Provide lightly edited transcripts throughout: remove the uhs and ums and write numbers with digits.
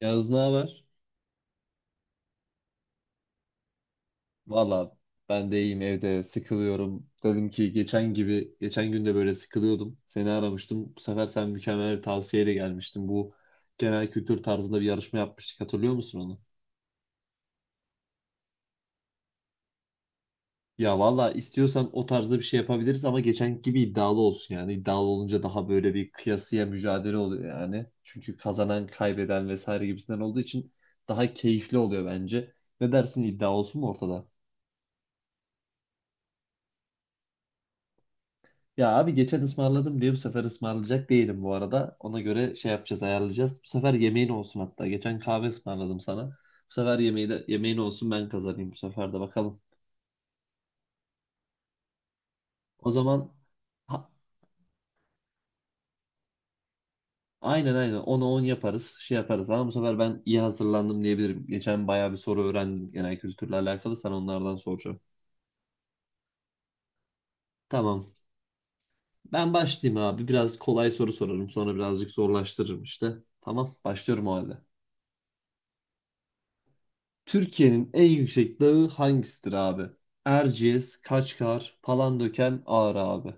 Yağız ne haber? Valla ben de iyiyim evde sıkılıyorum. Dedim ki geçen gün de böyle sıkılıyordum. Seni aramıştım. Bu sefer sen mükemmel bir tavsiyeyle gelmiştin. Bu genel kültür tarzında bir yarışma yapmıştık. Hatırlıyor musun onu? Ya valla istiyorsan o tarzda bir şey yapabiliriz ama geçen gibi iddialı olsun yani. İddialı olunca daha böyle bir kıyasıya mücadele oluyor yani. Çünkü kazanan, kaybeden vesaire gibisinden olduğu için daha keyifli oluyor bence. Ne dersin iddia olsun mu ortada? Ya abi geçen ısmarladım diye bu sefer ısmarlayacak değilim bu arada. Ona göre şey yapacağız, ayarlayacağız. Bu sefer yemeğin olsun hatta. Geçen kahve ısmarladım sana. Bu sefer yemeğin olsun ben kazanayım bu sefer de bakalım. O zaman ha- aynen aynen 10'a 10 yaparız, şey yaparız. Ama bu sefer ben iyi hazırlandım diyebilirim. Geçen bayağı bir soru öğrendim genel kültürle alakalı. Sana onlardan soracağım. Tamam. Ben başlayayım abi. Biraz kolay soru sorarım. Sonra birazcık zorlaştırırım işte. Tamam, başlıyorum o halde. Türkiye'nin en yüksek dağı hangisidir abi? Erciyes, Kaçkar, Palandöken, Ağrı abi.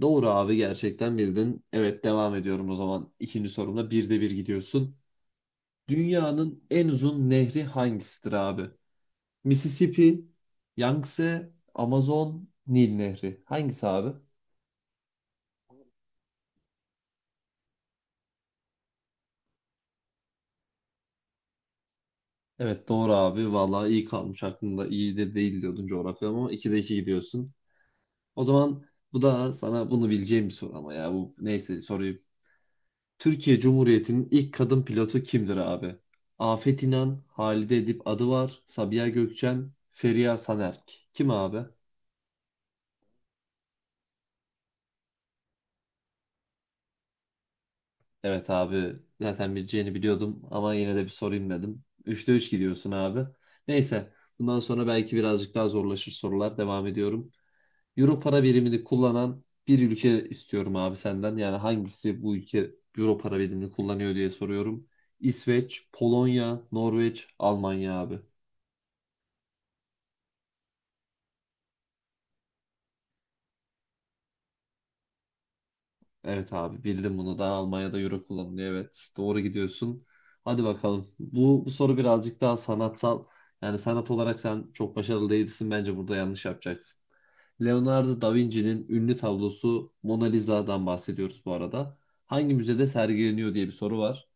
Doğru abi gerçekten bildin. Evet devam ediyorum o zaman. İkinci sorumda birde bir gidiyorsun. Dünyanın en uzun nehri hangisidir abi? Mississippi, Yangtze, Amazon, Nil Nehri. Hangisi abi? Evet doğru abi. Vallahi iyi kalmış aklında. İyi de değil diyordun coğrafya ama 2'de 2 gidiyorsun. O zaman bu da sana bunu bileceğim bir soru ama ya bu neyse soruyu Türkiye Cumhuriyeti'nin ilk kadın pilotu kimdir abi? Afet İnan, Halide Edip Adıvar, Sabiha Gökçen, Feriha Sanerk. Kim abi? Evet abi zaten bileceğini biliyordum ama yine de bir sorayım dedim. Üçte 3 gidiyorsun abi. Neyse bundan sonra belki birazcık daha zorlaşır sorular. Devam ediyorum. Euro para birimini kullanan bir ülke istiyorum abi senden. Yani hangisi bu ülke Euro para birimini kullanıyor diye soruyorum. İsveç, Polonya, Norveç, Almanya abi. Evet abi bildim bunu da Almanya'da euro kullanılıyor evet doğru gidiyorsun. Hadi bakalım bu soru birazcık daha sanatsal yani sanat olarak sen çok başarılı değilsin bence burada yanlış yapacaksın. Leonardo da Vinci'nin ünlü tablosu Mona Lisa'dan bahsediyoruz bu arada. Hangi müzede sergileniyor diye bir soru var.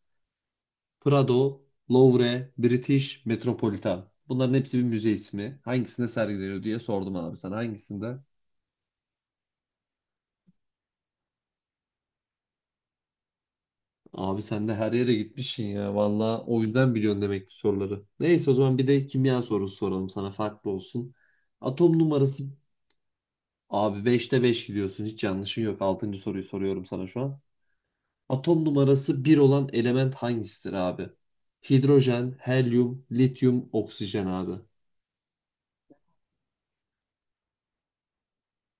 Prado, Louvre, British Metropolitan. Bunların hepsi bir müze ismi. Hangisinde sergileniyor diye sordum abi sana hangisinde? Abi sen de her yere gitmişsin ya. Valla o yüzden biliyorsun demek ki soruları. Neyse o zaman bir de kimya sorusu soralım sana farklı olsun. Atom numarası abi beşte 5 gidiyorsun. Hiç yanlışın yok. Altıncı soruyu soruyorum sana şu an. Atom numarası bir olan element hangisidir abi? Hidrojen, helyum, lityum, oksijen abi.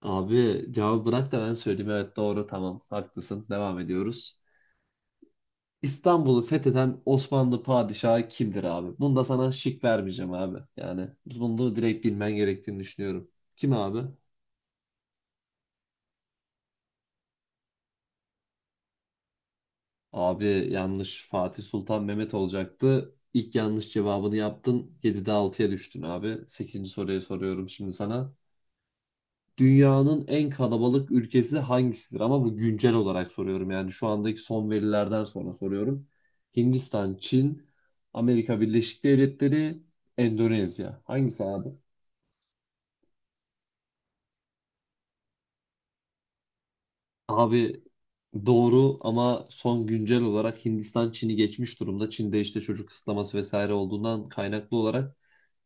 Abi cevabı bırak da ben söyleyeyim. Evet doğru tamam haklısın. Devam ediyoruz. İstanbul'u fetheden Osmanlı padişahı kimdir abi? Bunu da sana şık vermeyeceğim abi. Yani bunu da direkt bilmen gerektiğini düşünüyorum. Kim abi? Abi yanlış Fatih Sultan Mehmet olacaktı. İlk yanlış cevabını yaptın. Yedide altıya düştün abi. Sekizinci soruyu soruyorum şimdi sana. Dünyanın en kalabalık ülkesi hangisidir? Ama bu güncel olarak soruyorum. Yani şu andaki son verilerden sonra soruyorum. Hindistan, Çin, Amerika Birleşik Devletleri, Endonezya. Hangisi abi? Abi doğru ama son güncel olarak Hindistan Çin'i geçmiş durumda. Çin'de işte çocuk kısıtlaması vesaire olduğundan kaynaklı olarak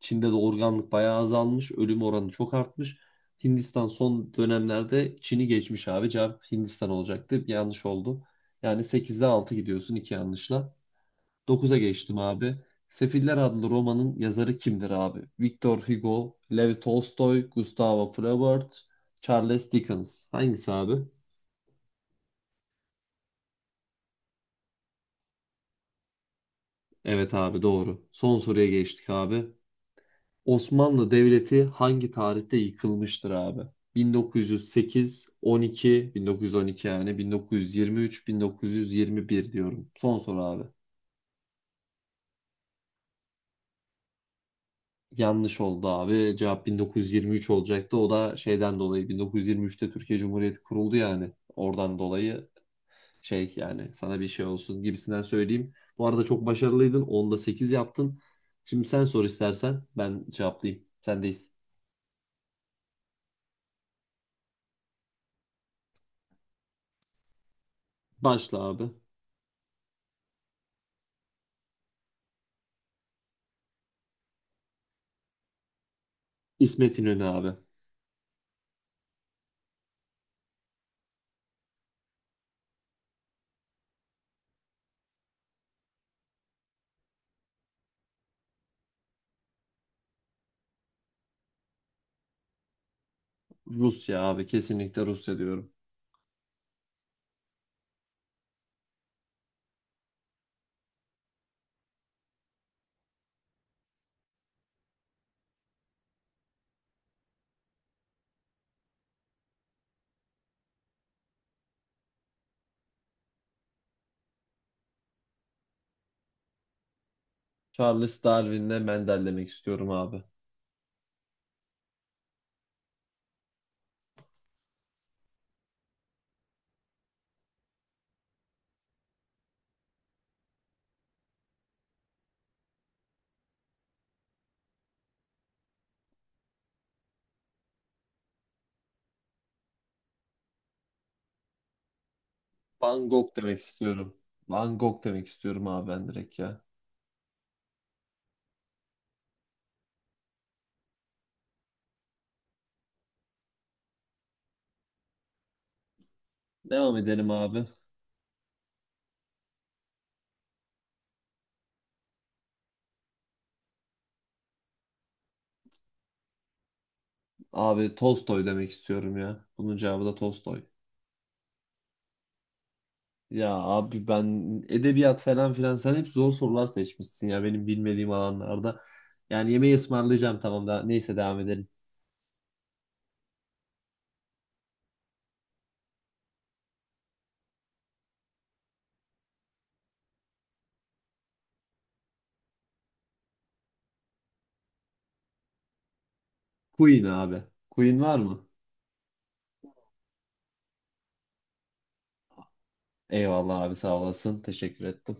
Çin'de de organlık bayağı azalmış. Ölüm oranı çok artmış. Hindistan son dönemlerde Çin'i geçmiş abi. Cevap Hindistan olacaktı. Yanlış oldu. Yani sekizde 6 gidiyorsun iki yanlışla. Dokuza geçtim abi. Sefiller adlı romanın yazarı kimdir abi? Victor Hugo, Lev Tolstoy, Gustavo Flaubert, Charles Dickens. Hangisi abi? Evet abi doğru. Son soruya geçtik abi. Osmanlı Devleti hangi tarihte yıkılmıştır abi? 1908, 12, 1912 yani 1923, 1921 diyorum. Son soru abi. Yanlış oldu abi. Cevap 1923 olacaktı. O da şeyden dolayı 1923'te Türkiye Cumhuriyeti kuruldu yani. Oradan dolayı şey yani sana bir şey olsun gibisinden söyleyeyim. Bu arada çok başarılıydın. Onda 8 yaptın. Şimdi sen sor istersen ben cevaplayayım. Sendeyiz. Başla abi. İsmet İnönü abi. Rusya abi. Kesinlikle Rusya diyorum. Charles Darwin'le Mendel demek istiyorum abi. Van Gogh demek istiyorum. Van Gogh demek istiyorum abi ben direkt ya. Devam edelim abi. Abi Tolstoy demek istiyorum ya. Bunun cevabı da Tolstoy. Ya abi ben edebiyat falan filan sen hep zor sorular seçmişsin ya benim bilmediğim alanlarda. Yani yemeği ısmarlayacağım tamam da neyse devam edelim. Queen abi. Queen var mı? Eyvallah abi sağ olasın. Teşekkür ettim.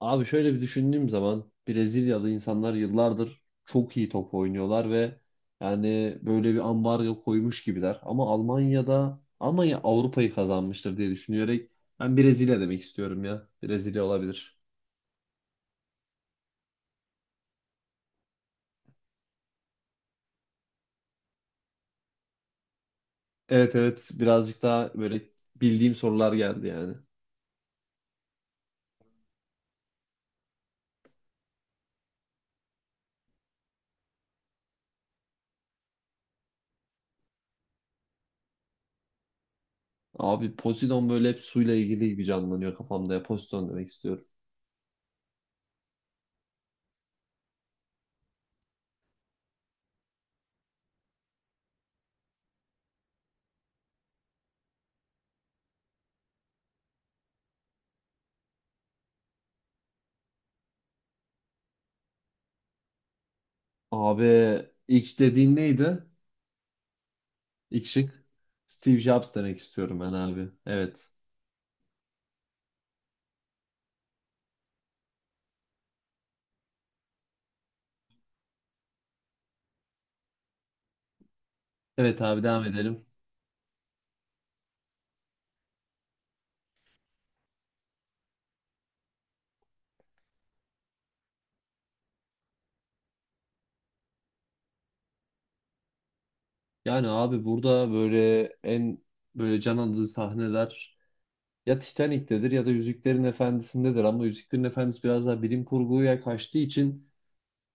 Abi şöyle bir düşündüğüm zaman Brezilyalı insanlar yıllardır çok iyi top oynuyorlar ve yani böyle bir ambargo koymuş gibiler. Ama Almanya Avrupa'yı kazanmıştır diye düşünerek ben Brezilya demek istiyorum ya. Brezilya olabilir. Evet evet birazcık daha böyle bildiğim sorular geldi yani. Abi Poseidon böyle hep suyla ilgili gibi canlanıyor kafamda ya. Poseidon demek istiyorum. Abi ilk dediğin neydi? İlk şık. Steve Jobs demek istiyorum ben abi. Evet. Evet abi devam edelim. Yani abi burada böyle böyle can alıcı sahneler ya Titanic'tedir ya da Yüzüklerin Efendisi'ndedir ama Yüzüklerin Efendisi biraz daha bilim kurguya kaçtığı için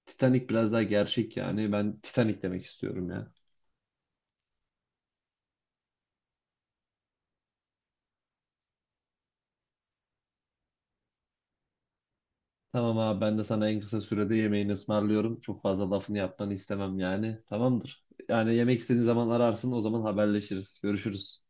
Titanic biraz daha gerçek yani. Ben Titanic demek istiyorum ya. Tamam abi ben de sana en kısa sürede yemeğini ısmarlıyorum. Çok fazla lafını yapmanı istemem yani. Tamamdır. Yani yemek istediğin zaman ararsın o zaman haberleşiriz. Görüşürüz.